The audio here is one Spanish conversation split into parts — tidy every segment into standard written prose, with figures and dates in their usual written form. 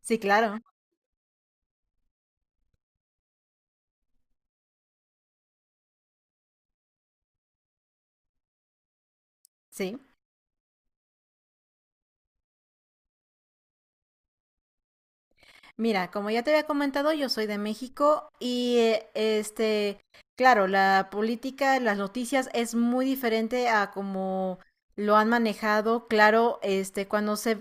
Sí, claro, sí. Mira, como ya te había comentado, yo soy de México y claro, la política, las noticias es muy diferente a como lo han manejado. Claro, cuando se,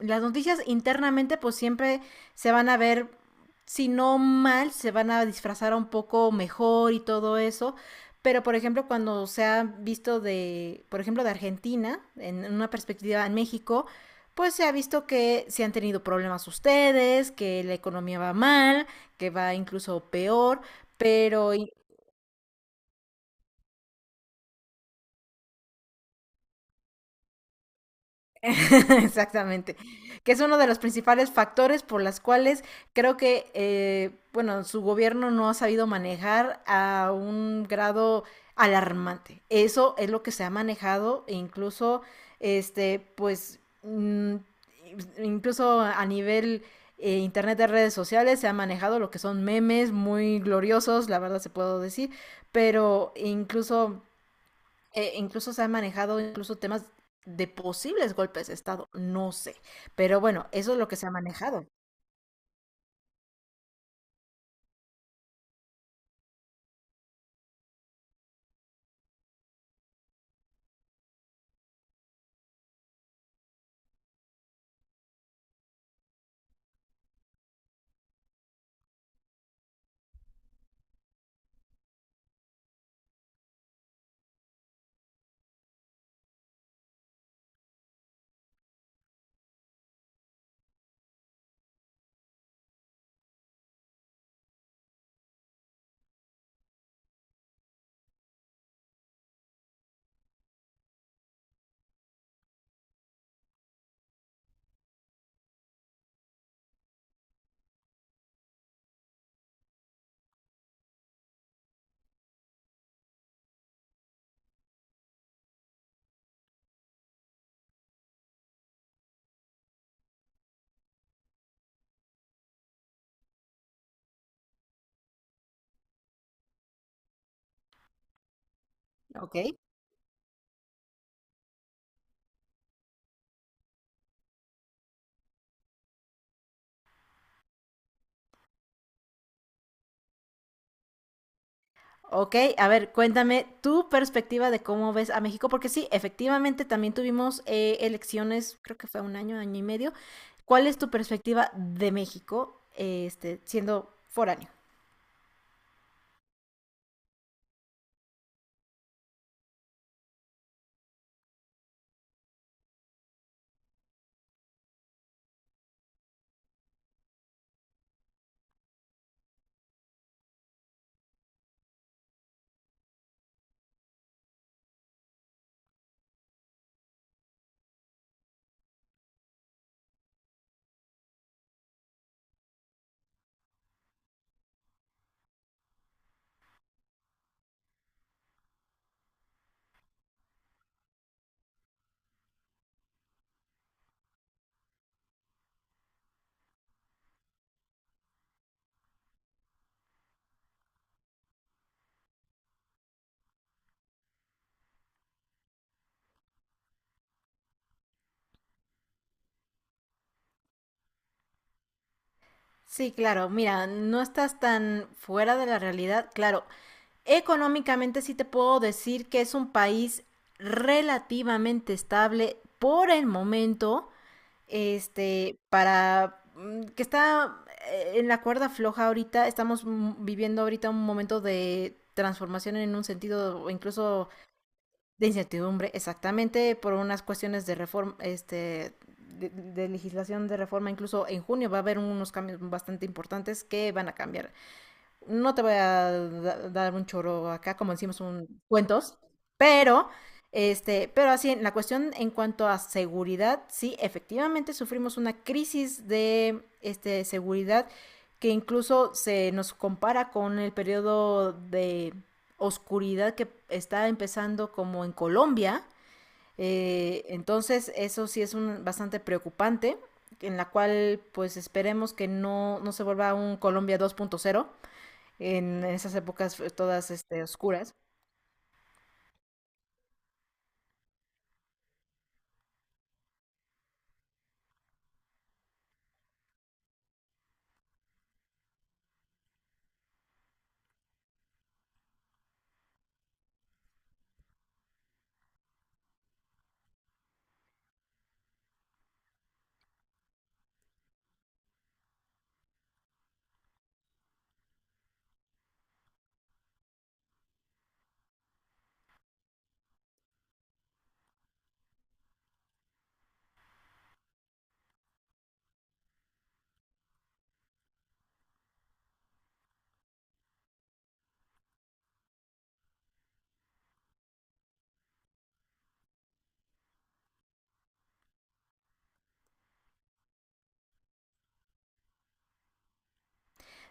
las noticias internamente, pues siempre se van a ver, si no mal, se van a disfrazar un poco mejor y todo eso. Pero, por ejemplo, cuando se ha visto de, por ejemplo, de Argentina, en una perspectiva en México, pues se ha visto que se han tenido problemas ustedes, que la economía va mal, que va incluso peor, pero exactamente. Que es uno de los principales factores por las cuales creo que, bueno, su gobierno no ha sabido manejar a un grado alarmante. Eso es lo que se ha manejado e incluso, este, pues, mm, incluso a nivel internet de redes sociales se ha manejado lo que son memes muy gloriosos, la verdad se puedo decir, pero incluso se han manejado incluso temas de posibles golpes de Estado, no sé. Pero bueno, eso es lo que se ha manejado, ¿ok? Ok, a ver, cuéntame tu perspectiva de cómo ves a México, porque sí, efectivamente también tuvimos elecciones, creo que fue un año, año y medio. ¿Cuál es tu perspectiva de México, siendo foráneo? Sí, claro, mira, no estás tan fuera de la realidad, claro, económicamente sí te puedo decir que es un país relativamente estable por el momento, que está en la cuerda floja ahorita, estamos viviendo ahorita un momento de transformación en un sentido o incluso de incertidumbre, exactamente por unas cuestiones de reforma, de legislación de reforma, incluso en junio va a haber unos cambios bastante importantes que van a cambiar, no te voy a da- dar un choro acá, como decimos, un cuentos, pero, pero así, en la cuestión en cuanto a seguridad, sí, efectivamente sufrimos una crisis de, seguridad que incluso se nos compara con el periodo de oscuridad que está empezando como en Colombia. Entonces, eso sí es un, bastante preocupante, en la cual pues esperemos que no se vuelva un Colombia 2.0. En esas épocas fue todas este, oscuras.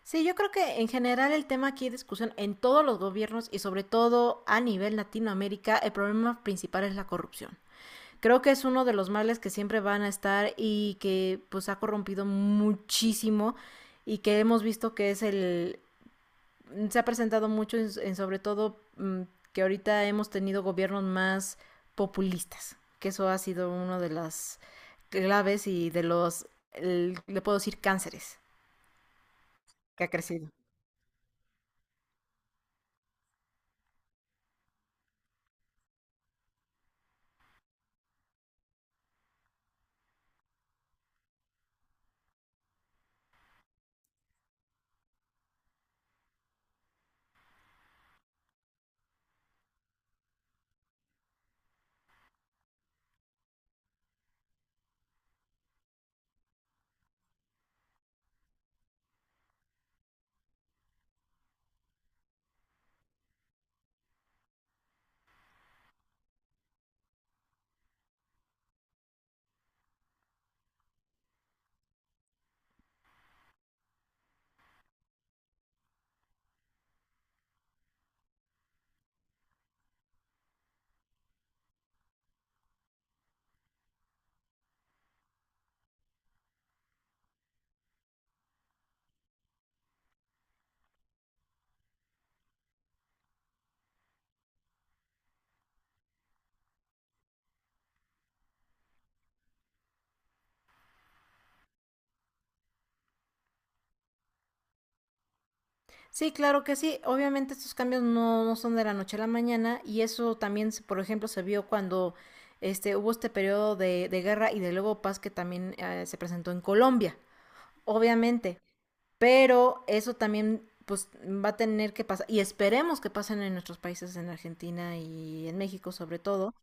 Sí, yo creo que en general el tema aquí de discusión en todos los gobiernos y sobre todo a nivel Latinoamérica, el problema principal es la corrupción. Creo que es uno de los males que siempre van a estar y que pues ha corrompido muchísimo y que hemos visto que es el, se ha presentado mucho en sobre todo que ahorita hemos tenido gobiernos más populistas, que eso ha sido uno de las claves y le puedo decir, cánceres que ha crecido. Sí, claro que sí. Obviamente estos cambios no son de la noche a la mañana y eso también, por ejemplo, se vio cuando hubo este periodo de guerra y de luego paz que también se presentó en Colombia. Obviamente, pero eso también pues va a tener que pasar, y esperemos que pasen en nuestros países, en Argentina y en México sobre todo.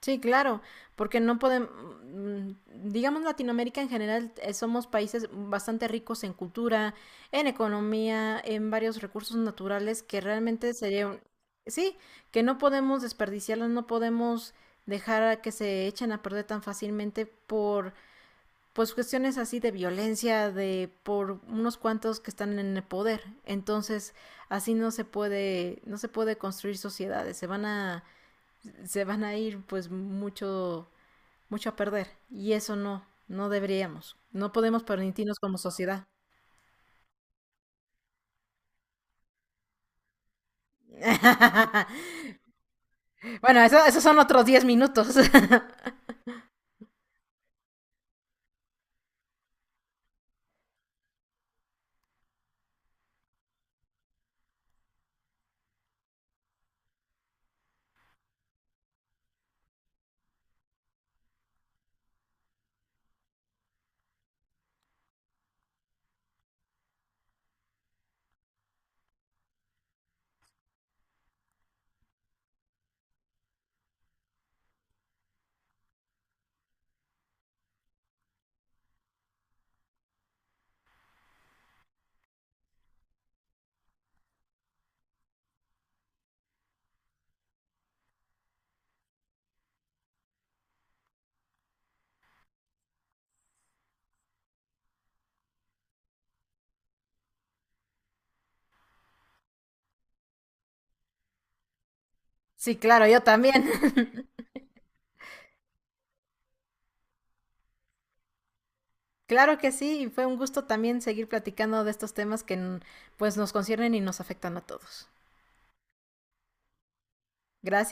Sí, claro, porque no podemos, digamos Latinoamérica en general, somos países bastante ricos en cultura, en economía, en varios recursos naturales que realmente sería un, sí, que no podemos desperdiciarlos, no podemos dejar a que se echen a perder tan fácilmente por pues cuestiones así de violencia de por unos cuantos que están en el poder. Entonces, así no se puede construir sociedades, se van a ir pues mucho a perder y eso no deberíamos. No podemos permitirnos como sociedad. Bueno, eso, esos son otros 10 minutos. Sí, claro, yo también. Claro que sí, y fue un gusto también seguir platicando de estos temas que pues nos conciernen y nos afectan a todos. Gracias.